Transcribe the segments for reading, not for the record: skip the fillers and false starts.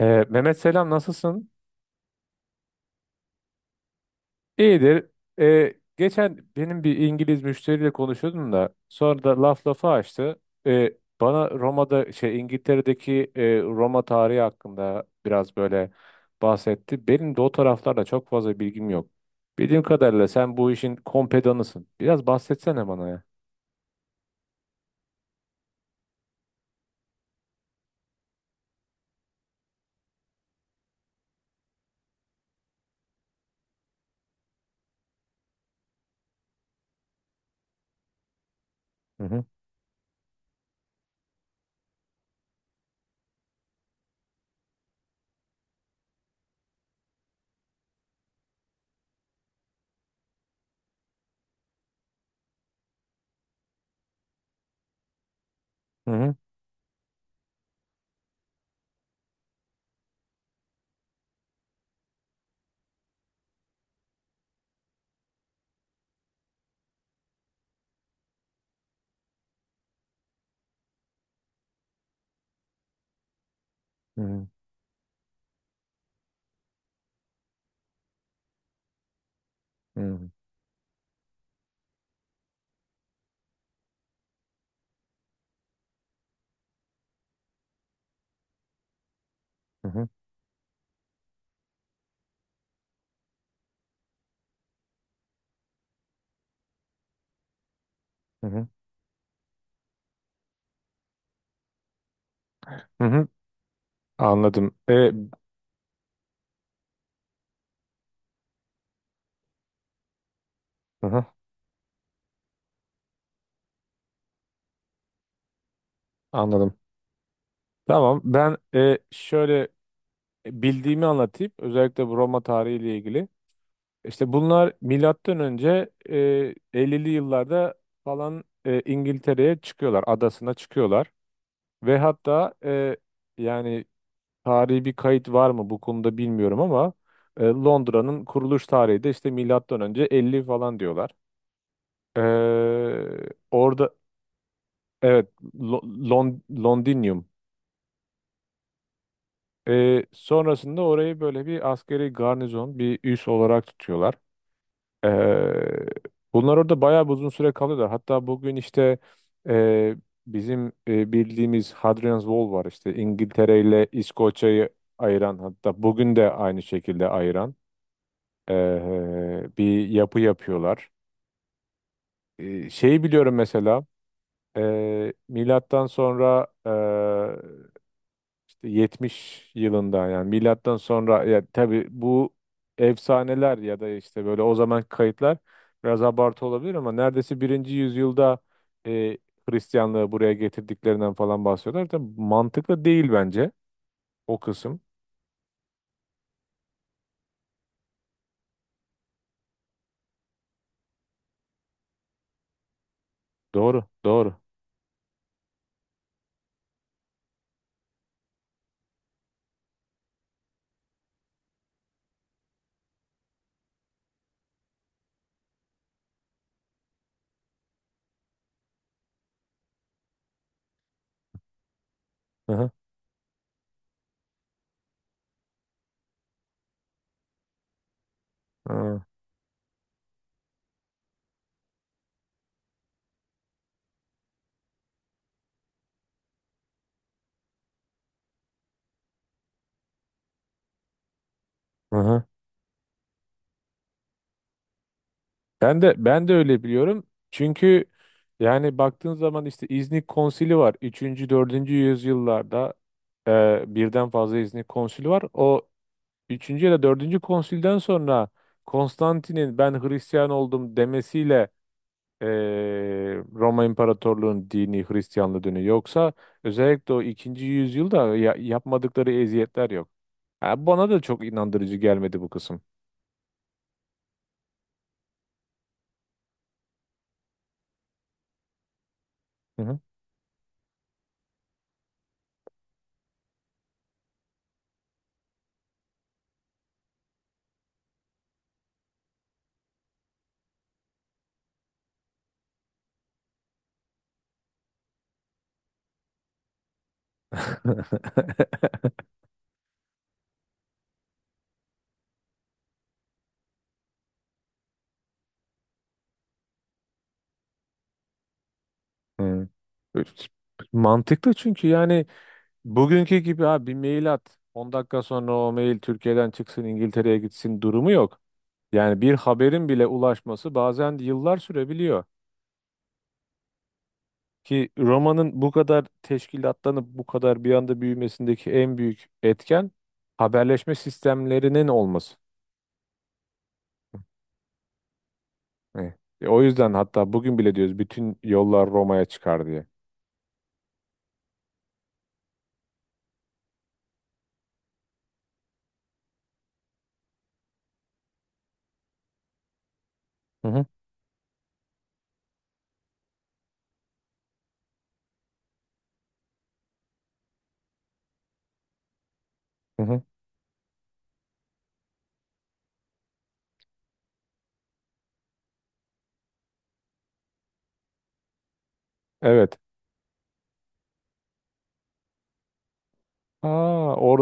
Mehmet, selam, nasılsın? İyidir. Geçen benim bir İngiliz müşteriyle konuşuyordum da sonra da laf lafı açtı. Ee, bana Roma'da şey İngiltere'deki Roma tarihi hakkında biraz böyle bahsetti. Benim de o taraflarda çok fazla bilgim yok. Bildiğim kadarıyla sen bu işin kompedanısın. Biraz bahsetsene bana ya. Hı hı hı hı hı hı hı hı hı hı. Hı hı. Anladım. Hı hı, anladım. Tamam, ben şöyle bildiğimi anlatayım. Özellikle bu Roma tarihiyle ilgili. İşte bunlar milattan önce 50'li yıllarda falan İngiltere'ye çıkıyorlar, adasına çıkıyorlar ve hatta yani tarihi bir kayıt var mı bu konuda bilmiyorum ama Londra'nın kuruluş tarihi de işte milattan önce 50 falan diyorlar. E, orada evet, Londinium. Sonrasında orayı böyle bir askeri garnizon, bir üs olarak tutuyorlar. Eee, bunlar orada bayağı bir uzun süre kalıyorlar. Hatta bugün işte eee, bizim bildiğimiz Hadrian's Wall var işte, İngiltere ile İskoçya'yı ayıran, hatta bugün de aynı şekilde ayıran bir yapı yapıyorlar. Şeyi biliyorum mesela, milattan sonra 70 yılında, yani milattan sonra, ya tabii bu efsaneler ya da işte böyle o zaman kayıtlar biraz abartı olabilir ama neredeyse birinci yüzyılda e, Hristiyanlığı buraya getirdiklerinden falan bahsediyorlar. Tabii mantıklı değil bence o kısım. Doğru, doğru. Hı hı, hı hı. Ben de öyle biliyorum. Çünkü yani baktığın zaman işte İznik Konsili var. 3. 4. yüzyıllarda birden fazla İznik Konsili var. O üçüncü ya da dördüncü konsülden sonra Konstantin'in "ben Hristiyan oldum" demesiyle eee, Roma İmparatorluğu'nun dini Hristiyanlığı dönüyor. Yoksa özellikle o ikinci yüzyılda yapmadıkları eziyetler yok. Ha, bana da çok inandırıcı gelmedi bu kısım. Hı hı. Hı. Mantıklı, çünkü yani bugünkü gibi ha bir mail at, 10 dakika sonra o mail Türkiye'den çıksın İngiltere'ye gitsin durumu yok. Yani bir haberin bile ulaşması bazen yıllar sürebiliyor. Ki Roma'nın bu kadar teşkilatlanıp bu kadar bir anda büyümesindeki en büyük etken haberleşme sistemlerinin olması. Hani, o yüzden hatta bugün bile diyoruz bütün yollar Roma'ya çıkar diye. Hı hı, hı hı. Evet. Aa,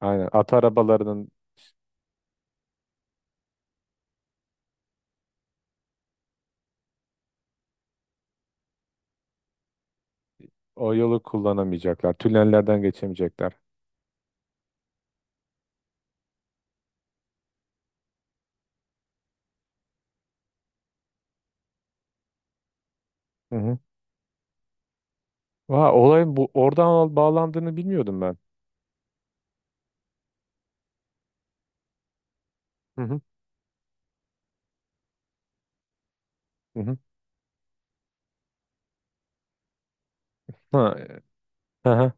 aynen, at arabalarının o yolu kullanamayacaklar. Tünellerden geçemeyecekler. Hı hı. Vay, olayın bu oradan bağlandığını bilmiyordum ben. Hı hı, hı hı. Ha, hı hı,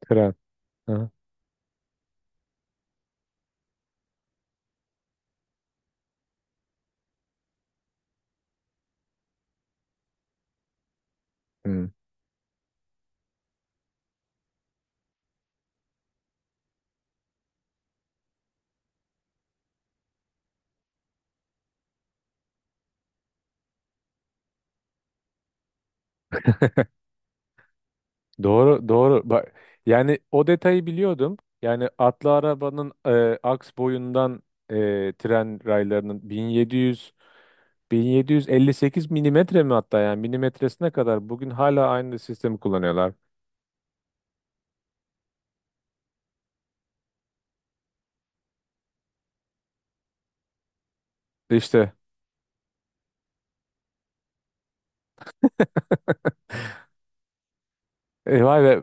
tren. Hı hı. Hmm. Doğru, doğru. Bak, yani o detayı biliyordum. Yani atlı arabanın aks boyundan, tren raylarının 1700, 1758 milimetre mi, hatta yani milimetresine kadar bugün hala aynı sistemi kullanıyorlar. İşte vay be,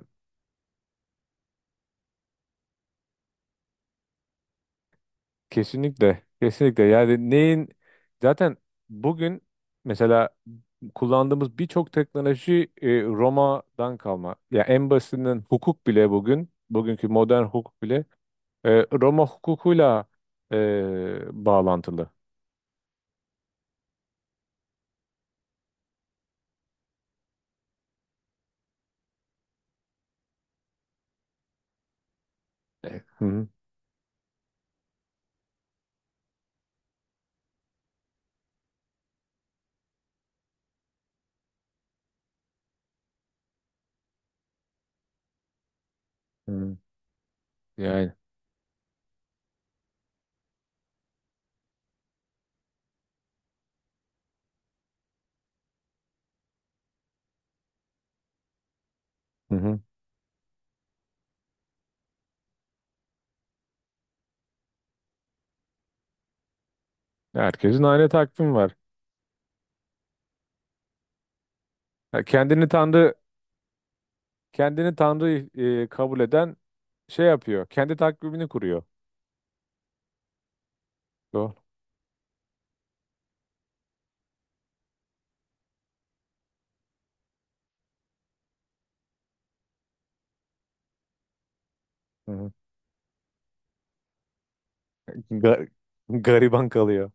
kesinlikle, kesinlikle. Yani neyin, zaten bugün mesela kullandığımız birçok teknoloji Roma'dan kalma. Ya en basitinden hukuk bile, bugün bugünkü modern hukuk bile E, Roma hukukuyla e, bağlantılı. Evet. Hı hı. Hı. Yani, hı hı. Herkesin aynı takvim var. Ha, kendini tanrı kabul eden şey yapıyor. Kendi takvimini kuruyor. Doğru. Hı hı. Ga- gariban kalıyor.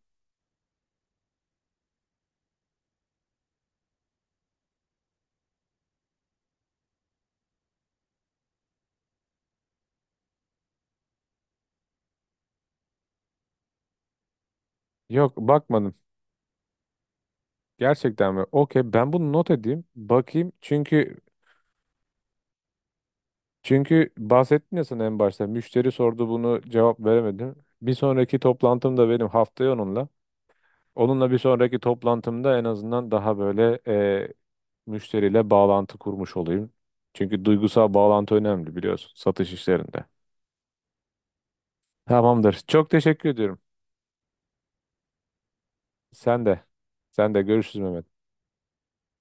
Yok, bakmadım. Gerçekten mi? Okey, ben bunu not edeyim. Bakayım. Çünkü bahsettin ya sana en başta. Müşteri sordu, bunu cevap veremedim. Bir sonraki toplantım da benim haftaya onunla. Onunla bir sonraki toplantımda en azından daha böyle e, müşteriyle bağlantı kurmuş olayım. Çünkü duygusal bağlantı önemli, biliyorsun, satış işlerinde. Tamamdır. Çok teşekkür ediyorum. Sen de. Sen de, görüşürüz Mehmet.